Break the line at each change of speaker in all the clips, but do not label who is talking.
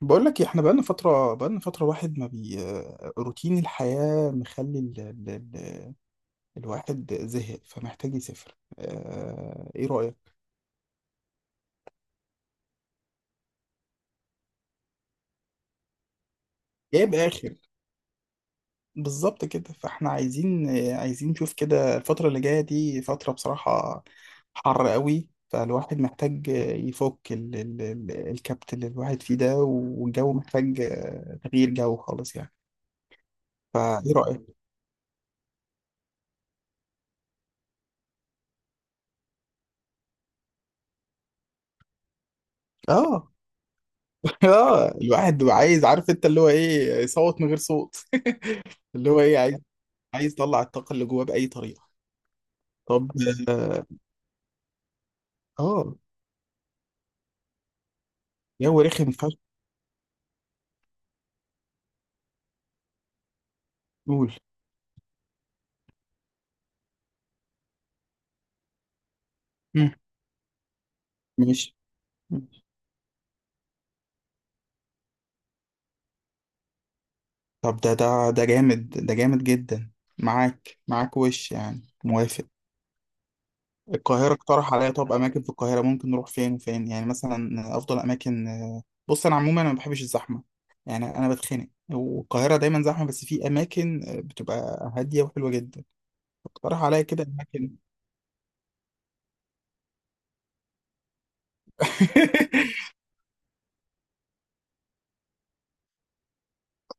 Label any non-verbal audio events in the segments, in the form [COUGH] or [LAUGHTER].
بقول لك إيه، احنا بقالنا فترة واحد ما بي روتين الحياة مخلي الواحد زهق فمحتاج يسافر ايه رأيك؟ جايب اخر بالظبط كده، فاحنا عايزين نشوف كده. الفترة اللي جاية دي فترة بصراحة حر قوي، فالواحد محتاج يفك الكبت اللي الواحد فيه ده، والجو محتاج تغيير جو خالص يعني. فايه رأيك؟ اه. [LAUGHS] اه، الواحد بيبقى عايز، عارف انت اللي هو ايه، يصوت من غير صوت. [LAUGHS] اللي هو ايه، عايز عايز يطلع الطاقة اللي جواه بأي طريقة. طب. اه. آه، جو رخم فشخ. قول. مم، ماشي. ماشي. طب ده جامد، ده جامد جدا. معاك وش يعني، موافق. القاهرة، اقترح عليا طب أماكن في القاهرة ممكن نروح فين وفين يعني، مثلا أفضل أماكن. بص أنا عموما ما بحبش الزحمة يعني، أنا بتخنق، والقاهرة دايما زحمة، بس في أماكن بتبقى هادية وحلوة جدا. اقترح عليا كده اماكن.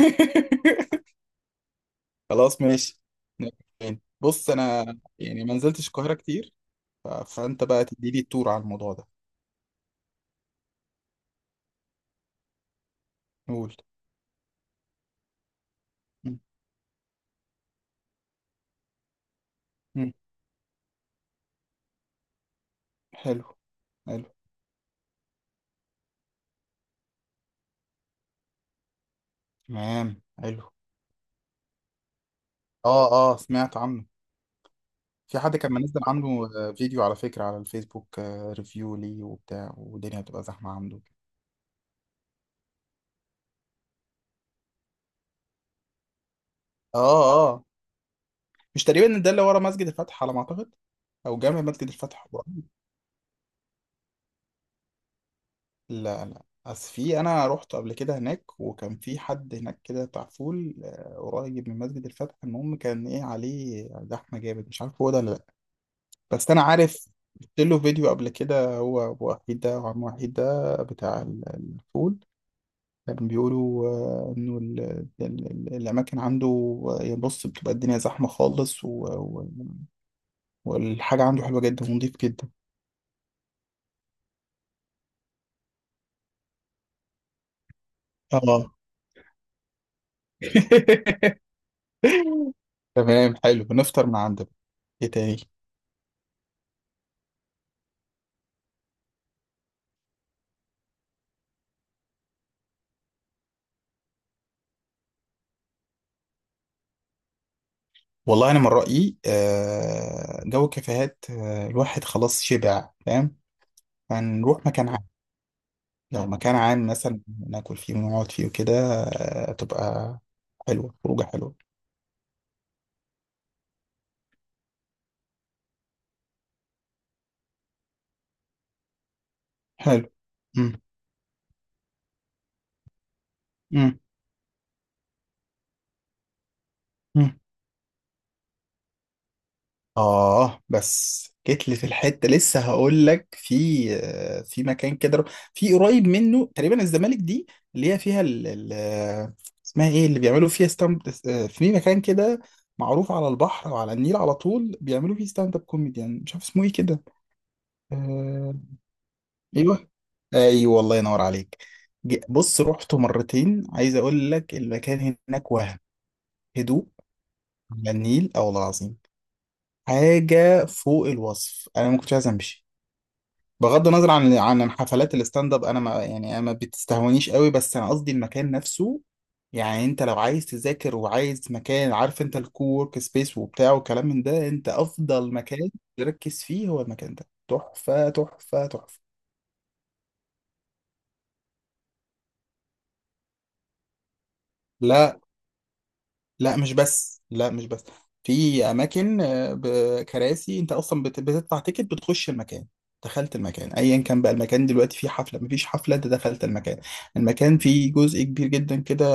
[LAUGHS] خلاص ماشي. بص انا يعني ما نزلتش القاهره كتير، فانت بقى تدي لي التور على الموضوع ده. قول. م- م. حلو. حلو، تمام. حلو. اه. اه سمعت عنه. في حد كان منزل عنده فيديو على فكره على الفيسبوك، ريفيو ليه وبتاع، والدنيا بتبقى زحمه عنده. اه. اه. مش تقريبا ده اللي ورا مسجد الفتح على ما اعتقد؟ او جامع مسجد الفتح. لا لا، بس في، انا رحت قبل كده هناك، وكان في حد هناك كده بتاع فول قريب من مسجد الفتح، المهم كان ايه عليه زحمه جامد، مش عارف هو ده ولا لا. بس انا عارف شفت له فيديو قبل كده، هو أبو وحيد ده وعم وحيد ده بتاع الفول. كان بيقولوا انه الاماكن عنده بص بتبقى الدنيا زحمه خالص والحاجه عنده حلوه جدا ونضيف جدا. اه تمام، حلو، بنفطر من عنده. ايه تاني؟ والله انا من رايي جو الكافيهات الواحد خلاص شبع، فاهم. هنروح مكان عام. لو مكان عام مثلا ناكل فيه ونقعد فيه وكده تبقى حلوه، خروجه حلوه. حلو. مم. مم. مم. بس جيت لي في الحتة لسه، هقول لك في في مكان كده، في قريب منه تقريبا الزمالك دي، اللي هي فيها ال ال آه، اسمها ايه اللي بيعملوا فيها ستاند. في مكان كده معروف على البحر وعلى النيل على طول، بيعملوا فيه ستاند اب كوميديان، مش عارف اسمه ايه كده. آه، ايوه. ايوه، الله ينور عليك. بص رحته مرتين، عايز اقول لك المكان هناك، وهم هدوء على النيل او العظيم، حاجة فوق الوصف، انا ما كنتش عايز امشي. بغض النظر عن حفلات الستاند اب، انا ما يعني، أنا ما بتستهونيش قوي، بس انا قصدي المكان نفسه. يعني انت لو عايز تذاكر وعايز مكان، عارف انت الكوورك سبيس وبتاع وكلام من ده، انت افضل مكان تركز فيه هو المكان ده، تحفة تحفة تحفة. لا. لا مش بس، لا مش بس، في اماكن بكراسي، انت اصلا بتدفع تيكت بتخش المكان. دخلت المكان ايا كان بقى المكان دلوقتي، فيه حفله مفيش حفله انت دخلت المكان. المكان فيه جزء كبير جدا كده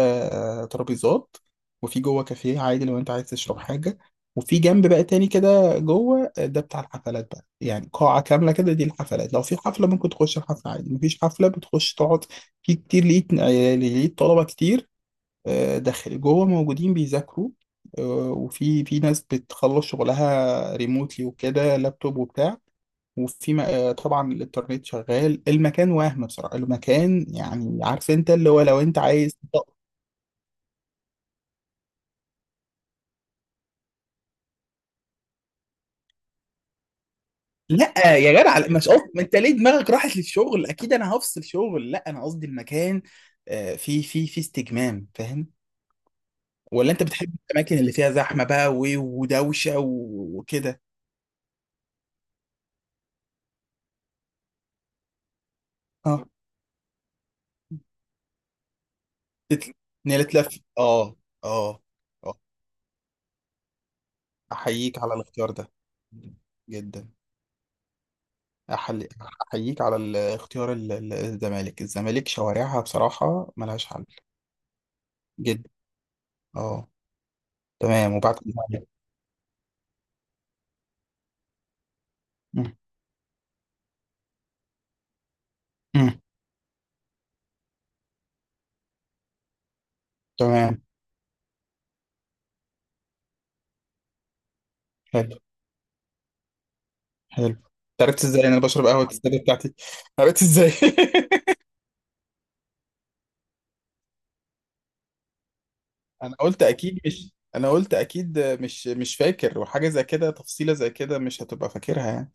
ترابيزات، وفي جوه كافيه عادي لو انت عايز تشرب حاجه، وفي جنب بقى تاني كده جوه ده بتاع الحفلات بقى، يعني قاعه كامله كده دي الحفلات، لو في حفله ممكن تخش الحفله عادي، مفيش حفله بتخش تقعد. في كتير، لقيت لقيت طلبه كتير داخلي جوه موجودين بيذاكروا، وفي في ناس بتخلص شغلها ريموتلي وكده لابتوب وبتاع. وفي طبعا الانترنت شغال المكان، وهم بصراحة المكان يعني، عارف انت اللي هو، لو انت عايز لا يا جدع. لا، مش قصدي، ما انت ليه دماغك راحت للشغل، اكيد انا هفصل شغل. لا انا قصدي المكان في في في استجمام، فاهم. ولا انت بتحب الاماكن اللي فيها زحمه بقى ودوشه وكده. اه تت- ان هي تلف. اه. اه. اه احييك على الاختيار ده جدا. أحل- احييك على الاختيار الزمالك. الزمالك شوارعها بصراحة ملهاش حل جدا. اه. تمام. وبعد كده- مم. مم. تمام حلو. حلو، انت عرفت ازاي إن انا بشرب قهوة السادة بتاعتي؟ عرفت ازاي؟ [LAUGHS] انا قلت اكيد مش، مش فاكر، وحاجة زي كده، تفصيلة زي كده مش هتبقى فاكرها يعني.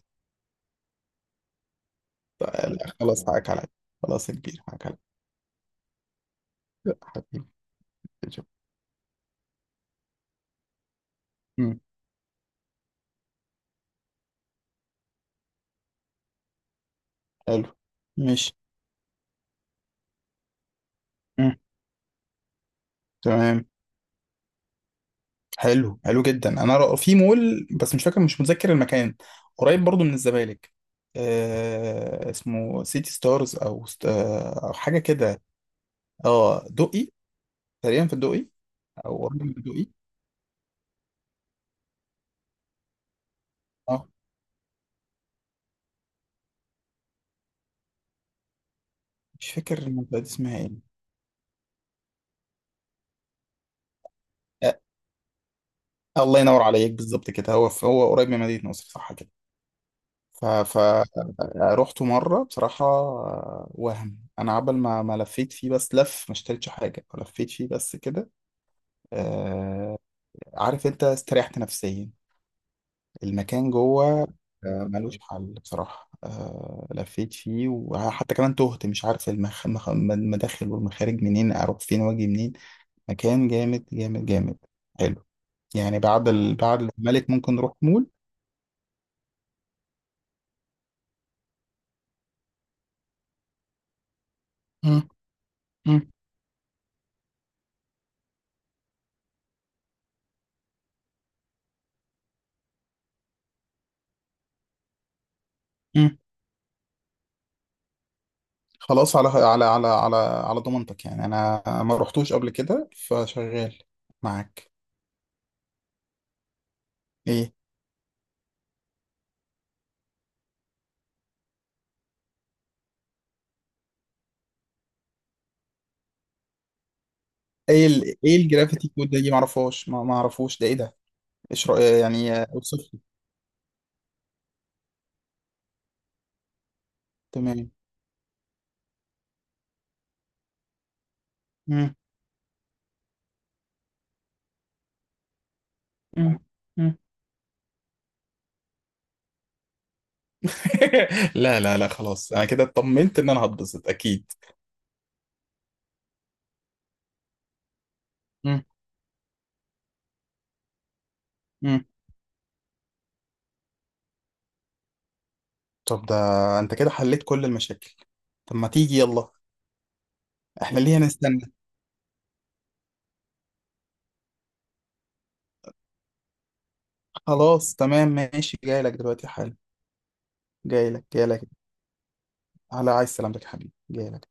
لا، خلاص حقك عليا. خلاص يا كبير، حقك عليا. لا، حبيبي. شوف. مم. حلو. ماشي. مم. تمام. حلو، حلو جدا. انا في مول، بس مش فاكر، مش متذكر المكان، قريب برضو من الزمالك. اسمه سيتي ستارز او ست آه او حاجه كده. اه دقي، تقريبا في الدقي. او قريب من الدقي. اه، مش فاكر المنطقه دي اسمها ايه. الله ينور عليك بالظبط كده، هو هو قريب من مدينه نصر صح كده. ف ف رحت مره بصراحه وهم، انا عبل ما ما لفيت فيه، بس لف، ما اشتريتش حاجه، لفيت فيه بس كده. آه. عارف انت استريحت نفسيا، المكان جوه ملوش حل بصراحة، لفيت فيه، وحتى كمان تهت، مش عارف المداخل والمخارج منين اروح فين واجي منين. مكان جامد جامد جامد، حلو. يعني بعد بعد الملك ممكن نروح مول. مم. مم. مم. خلاص، على ضمانتك، يعني انا ما رحتوش قبل كده فشغال معاك. ايه. ايه ايه الجرافيتي كود ده؟ دي ما اعرفهاش، ما ما اعرفوش ده، ايه ده. ايش رأيك يعني، اوصف. تمام. مم. مم. مم. [LAUGHS] لا لا لا خلاص، انا كده اطمنت ان انا هتبسط اكيد. مم. مم. طب ده انت كده حليت كل المشاكل. طب ما تيجي يلا. احنا ليه هنستنى؟ خلاص تمام ماشي، جاي لك دلوقتي حالا. جاي لك. جاي لك. على عايز سلامتك يا حبيبي، جاي لك.